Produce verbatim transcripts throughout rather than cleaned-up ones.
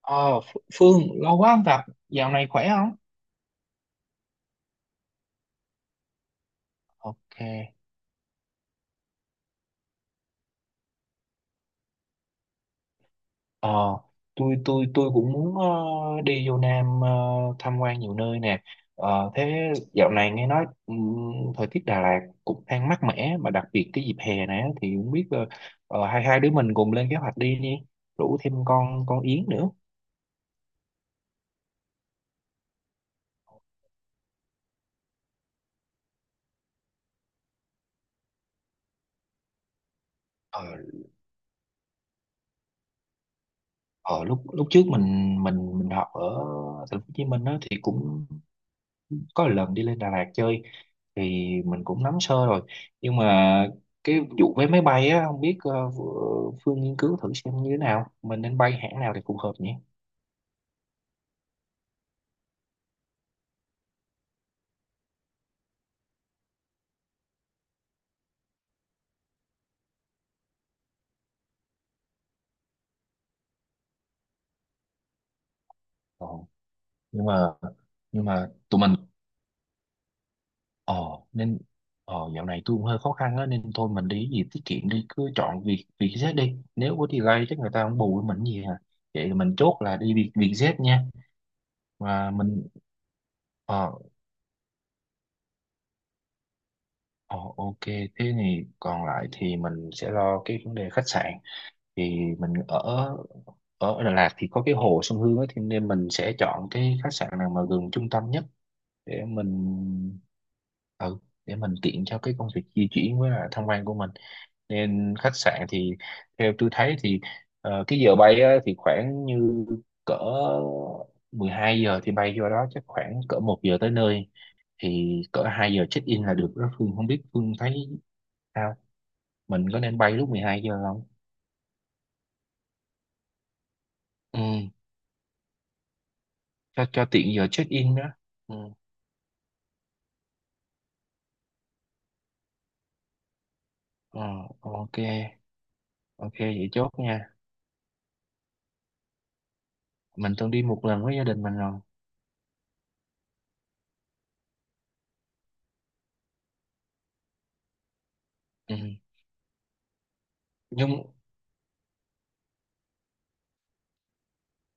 Ờ, Ph- Phương, lâu quá không gặp, dạo này khỏe không? Ok. Ờ, tôi tôi tôi cũng muốn ờ, đi vô Nam, ờ, tham quan nhiều nơi nè. Ờ, thế dạo này nghe nói ừm, thời tiết Đà Lạt cũng đang mát mẻ, mà đặc biệt cái dịp hè này á, thì không biết ờ, ờ, hai hai đứa mình cùng lên kế hoạch đi nhé, rủ thêm con con Yến nữa. Ờ, ờ, lúc lúc trước mình mình mình học ở thành phố Hồ Chí Minh đó, thì cũng có lần đi lên Đà Lạt chơi, thì mình cũng nắm sơ rồi. Nhưng mà cái vụ vé máy bay á, không biết ờ, Phương nghiên cứu thử xem như thế nào, mình nên bay hãng nào thì phù hợp nhỉ? Ồ, nhưng mà nhưng mà tụi mình ờ nên, ờ dạo này tôi cũng hơi khó khăn á, nên thôi mình đi cái gì tiết kiệm đi, cứ chọn Việt Vietjet đi, nếu có delay chắc người ta không bù với mình gì à. Vậy thì mình chốt là đi Việt Vietjet nha. Và mình ờ ờ ok, thế thì còn lại thì mình sẽ lo cái vấn đề khách sạn. Thì mình ở ở Đà Lạt thì có cái hồ Sông Hương ấy, thì nên mình sẽ chọn cái khách sạn nào mà gần trung tâm nhất để mình ừ, để mình tiện cho cái công việc di chuyển với là tham quan của mình. Nên khách sạn thì theo tôi thấy thì ờ, cái giờ bay á, thì khoảng như cỡ mười hai giờ thì bay vô đó, chắc khoảng cỡ một giờ tới nơi, thì cỡ hai giờ check in là được đó Phương. Không biết Phương thấy sao, mình có nên bay lúc mười hai giờ không? Ừ, cho cho tiện giờ check in đó. Ừ. Ờ, ok, ok, vậy chốt nha. Mình từng đi một lần với gia đình mình rồi. Ừ. nhưng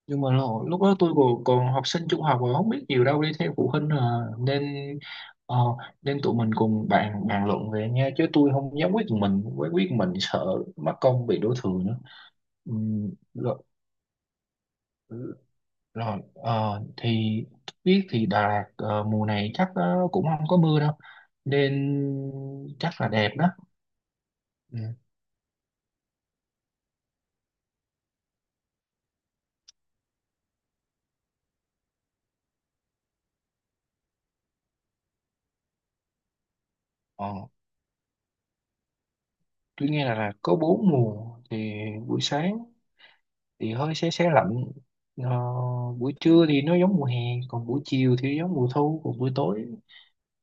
nhưng mà lo- lúc đó tôi còn, còn học sinh trung học, rồi không biết nhiều đâu, đi theo phụ huynh à. Nên ờ, nên tụi mình cùng bàn bàn luận về nha, chứ tôi không dám quyết. Mình quyết quyết mình sợ mất công bị đổ thừa nữa. Ừ. Rồi, rồi, ờ, thì biết thì Đà Lạt ờ, mùa này chắc ờ, cũng không có mưa đâu, nên chắc là đẹp đó. Ừ. Ờ, tôi nghe là, là có bốn mùa, thì buổi sáng thì hơi se se lạnh, ờ, buổi trưa thì nó giống mùa hè, còn buổi chiều thì giống mùa thu, còn buổi tối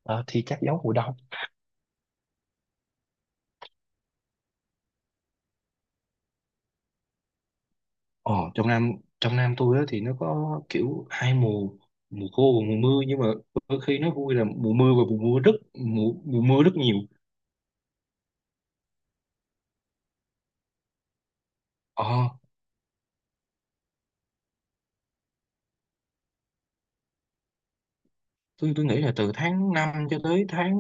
ờ, thì chắc giống mùa đông. ờ, trong Nam trong Nam tôi á, thì nó có kiểu hai mùa, mùa khô và mùa mưa. Nhưng mà đôi khi nó vui là mùa mưa, và mùa mưa rất mùa, mùa mưa rất nhiều. ờ, tôi tôi nghĩ là từ tháng năm cho tới tháng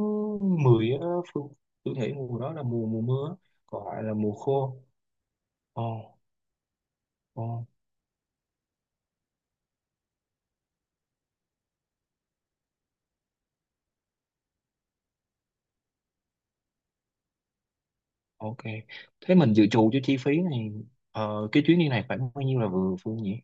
mười á, Phương- tôi nghĩ mùa đó là mùa mùa mưa á. Còn lại là mùa khô. ờ, ờ. Ok. Thế mình dự trù cho chi phí này, ờ, cái chuyến đi này khoảng bao nhiêu là vừa Phương nhỉ?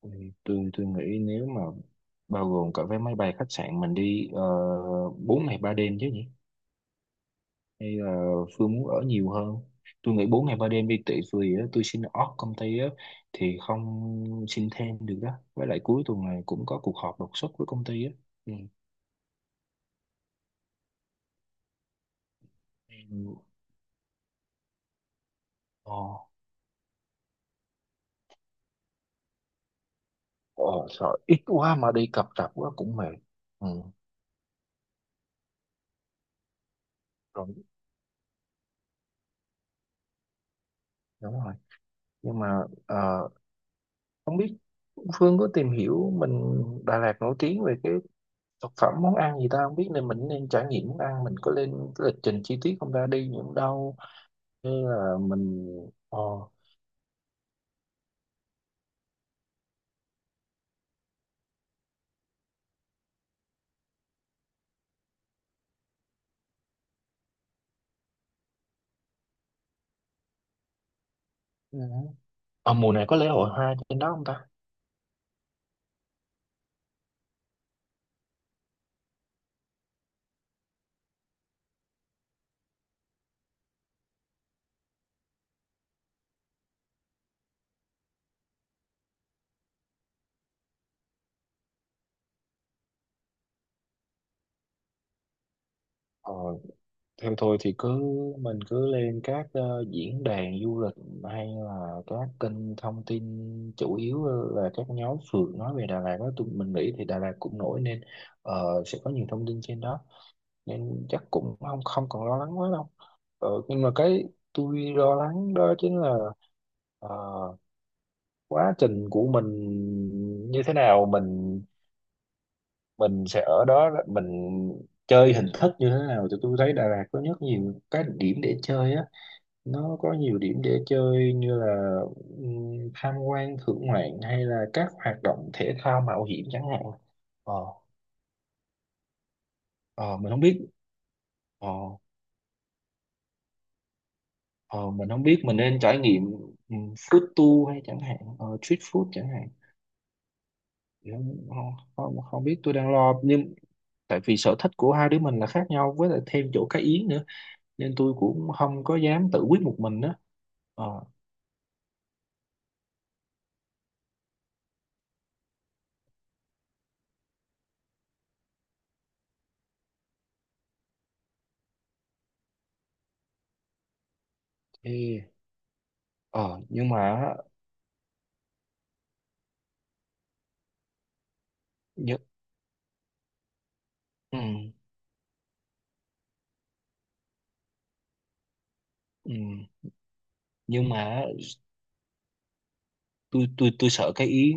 Ừ, tôi tôi nghĩ nếu mà bao gồm cả vé máy bay, khách sạn, mình đi uh, bốn ngày ba đêm chứ nhỉ, hay là Phương muốn ở nhiều hơn? Tôi nghĩ bốn ngày ba đêm đi tị, vì á, tôi xin off công ty á, thì không xin thêm được đó, với lại cuối tuần này cũng có cuộc họp đột xuất với công ty á. Ừ. Ừ. Ồ, ồ, sợ ít quá mà đi cập rập quá cũng mệt. Ừ. Rồi, đúng rồi, nhưng mà không biết Phương có tìm hiểu mình Đà Lạt nổi tiếng về cái thực phẩm, món ăn gì ta, không biết nên mình nên trải nghiệm món ăn. Mình có lên cái lịch trình chi tiết không ta, đi những đâu, hay là mình ờ ừ. Ờ, mùa này có lễ hội hoa trên đó không ta? ờ, Theo tôi thì cứ mình cứ lên các ờ, diễn đàn du lịch hay là các kênh thông tin, chủ yếu là các nhóm phượt nói về Đà Lạt đó. Tụi mình nghĩ thì Đà Lạt cũng nổi nên ờ, sẽ có nhiều thông tin trên đó, nên chắc cũng không không còn lo lắng quá đâu. ờ, nhưng mà cái tôi lo lắng đó chính là ờ, quá trình của mình như thế nào, mình mình sẽ ở đó mình chơi hình thức như thế nào. Thì tôi thấy Đà Lạt có rất nhiều cái điểm để chơi á, nó có nhiều điểm để chơi, như là ừm, tham quan thưởng ngoạn, hay là các hoạt động thể thao mạo hiểm chẳng hạn. ờ ờ mình không biết. ờ Ờ, mình không biết mình nên trải nghiệm ừ, fruit tour hay chẳng hạn ờ, street food chẳng hạn. Thì không, không, không không biết, tôi đang lo. Nhưng tại vì sở thích của hai đứa mình là khác nhau, với lại thêm chỗ cái yến nữa, nên tôi cũng không có dám tự quyết một mình đó. ờ thì ờ nhưng mà nhưng, ừ, ừ, nhưng mà tôi tôi tôi sợ cái yến.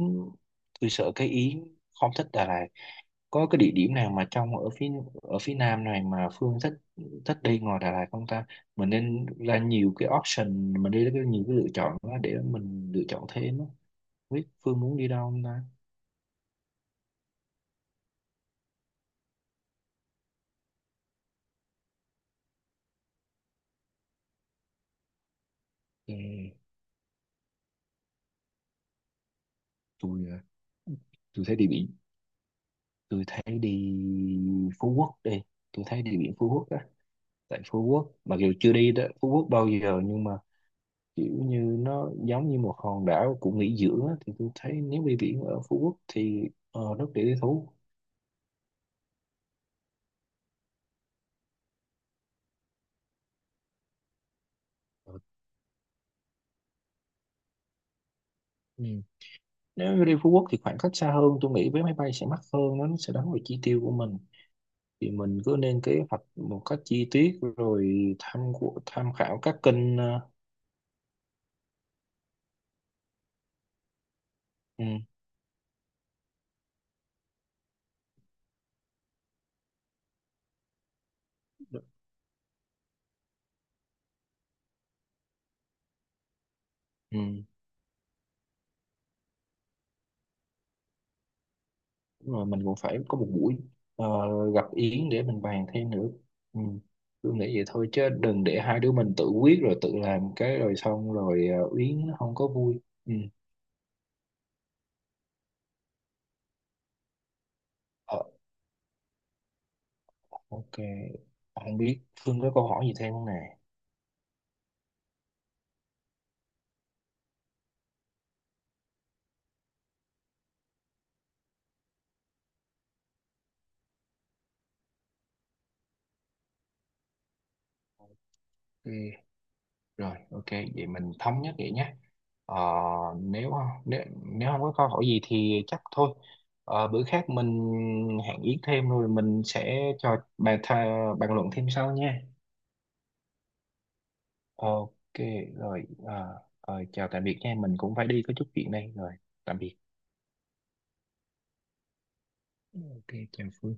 tôi sợ cái yến Không thích Đà Lạt. Có cái địa điểm nào mà trong ở phía ở phía nam này mà Phương thích thích đi ngoài Đà Lạt không ta? Mình nên ra nhiều cái option, mình đi ra nhiều cái lựa chọn đó để mình lựa chọn thêm á. Không biết Phương muốn đi đâu không ta? Ừ, tôi à, tôi thấy đi biển. Tôi thấy đi Phú Quốc đi, tôi thấy đi biển Phú Quốc á, tại Phú Quốc, mặc dù chưa đi đó, Phú Quốc bao giờ, nhưng mà kiểu như nó giống như một hòn đảo của nghỉ dưỡng á, thì tôi thấy nếu đi biển ở Phú Quốc thì ờ, rất để lý thú. Ừ. Nếu đi Phú Quốc thì khoảng cách xa hơn, tôi nghĩ vé máy bay sẽ mắc hơn, nó sẽ đánh vào chi tiêu của mình. Thì mình cứ nên kế hoạch một cách chi tiết rồi tham của- tham khảo các kênh ờ, ừ, ừ. Rồi mình cũng phải có một buổi ờ, gặp Yến để mình bàn thêm nữa. Ừ. Tôi nghĩ vậy thôi, chứ đừng để hai đứa mình tự quyết rồi tự làm cái rồi xong rồi ờ, Yến nó không có vui. Ừ. Ờ, ok, không biết Phương có câu hỏi gì thêm không nè? Ừ, rồi, ok, vậy mình thống nhất vậy nhé. Ờ, nếu nếu nếu không có câu hỏi gì thì chắc thôi. Ờ, bữa khác mình hẹn Yến thêm rồi mình sẽ cho bàn tha, bàn luận thêm sau nha. Ok, rồi, ờ, ờ, chào tạm biệt nha. Mình cũng phải đi có chút chuyện đây. Rồi, tạm biệt. Ok, chào Phương.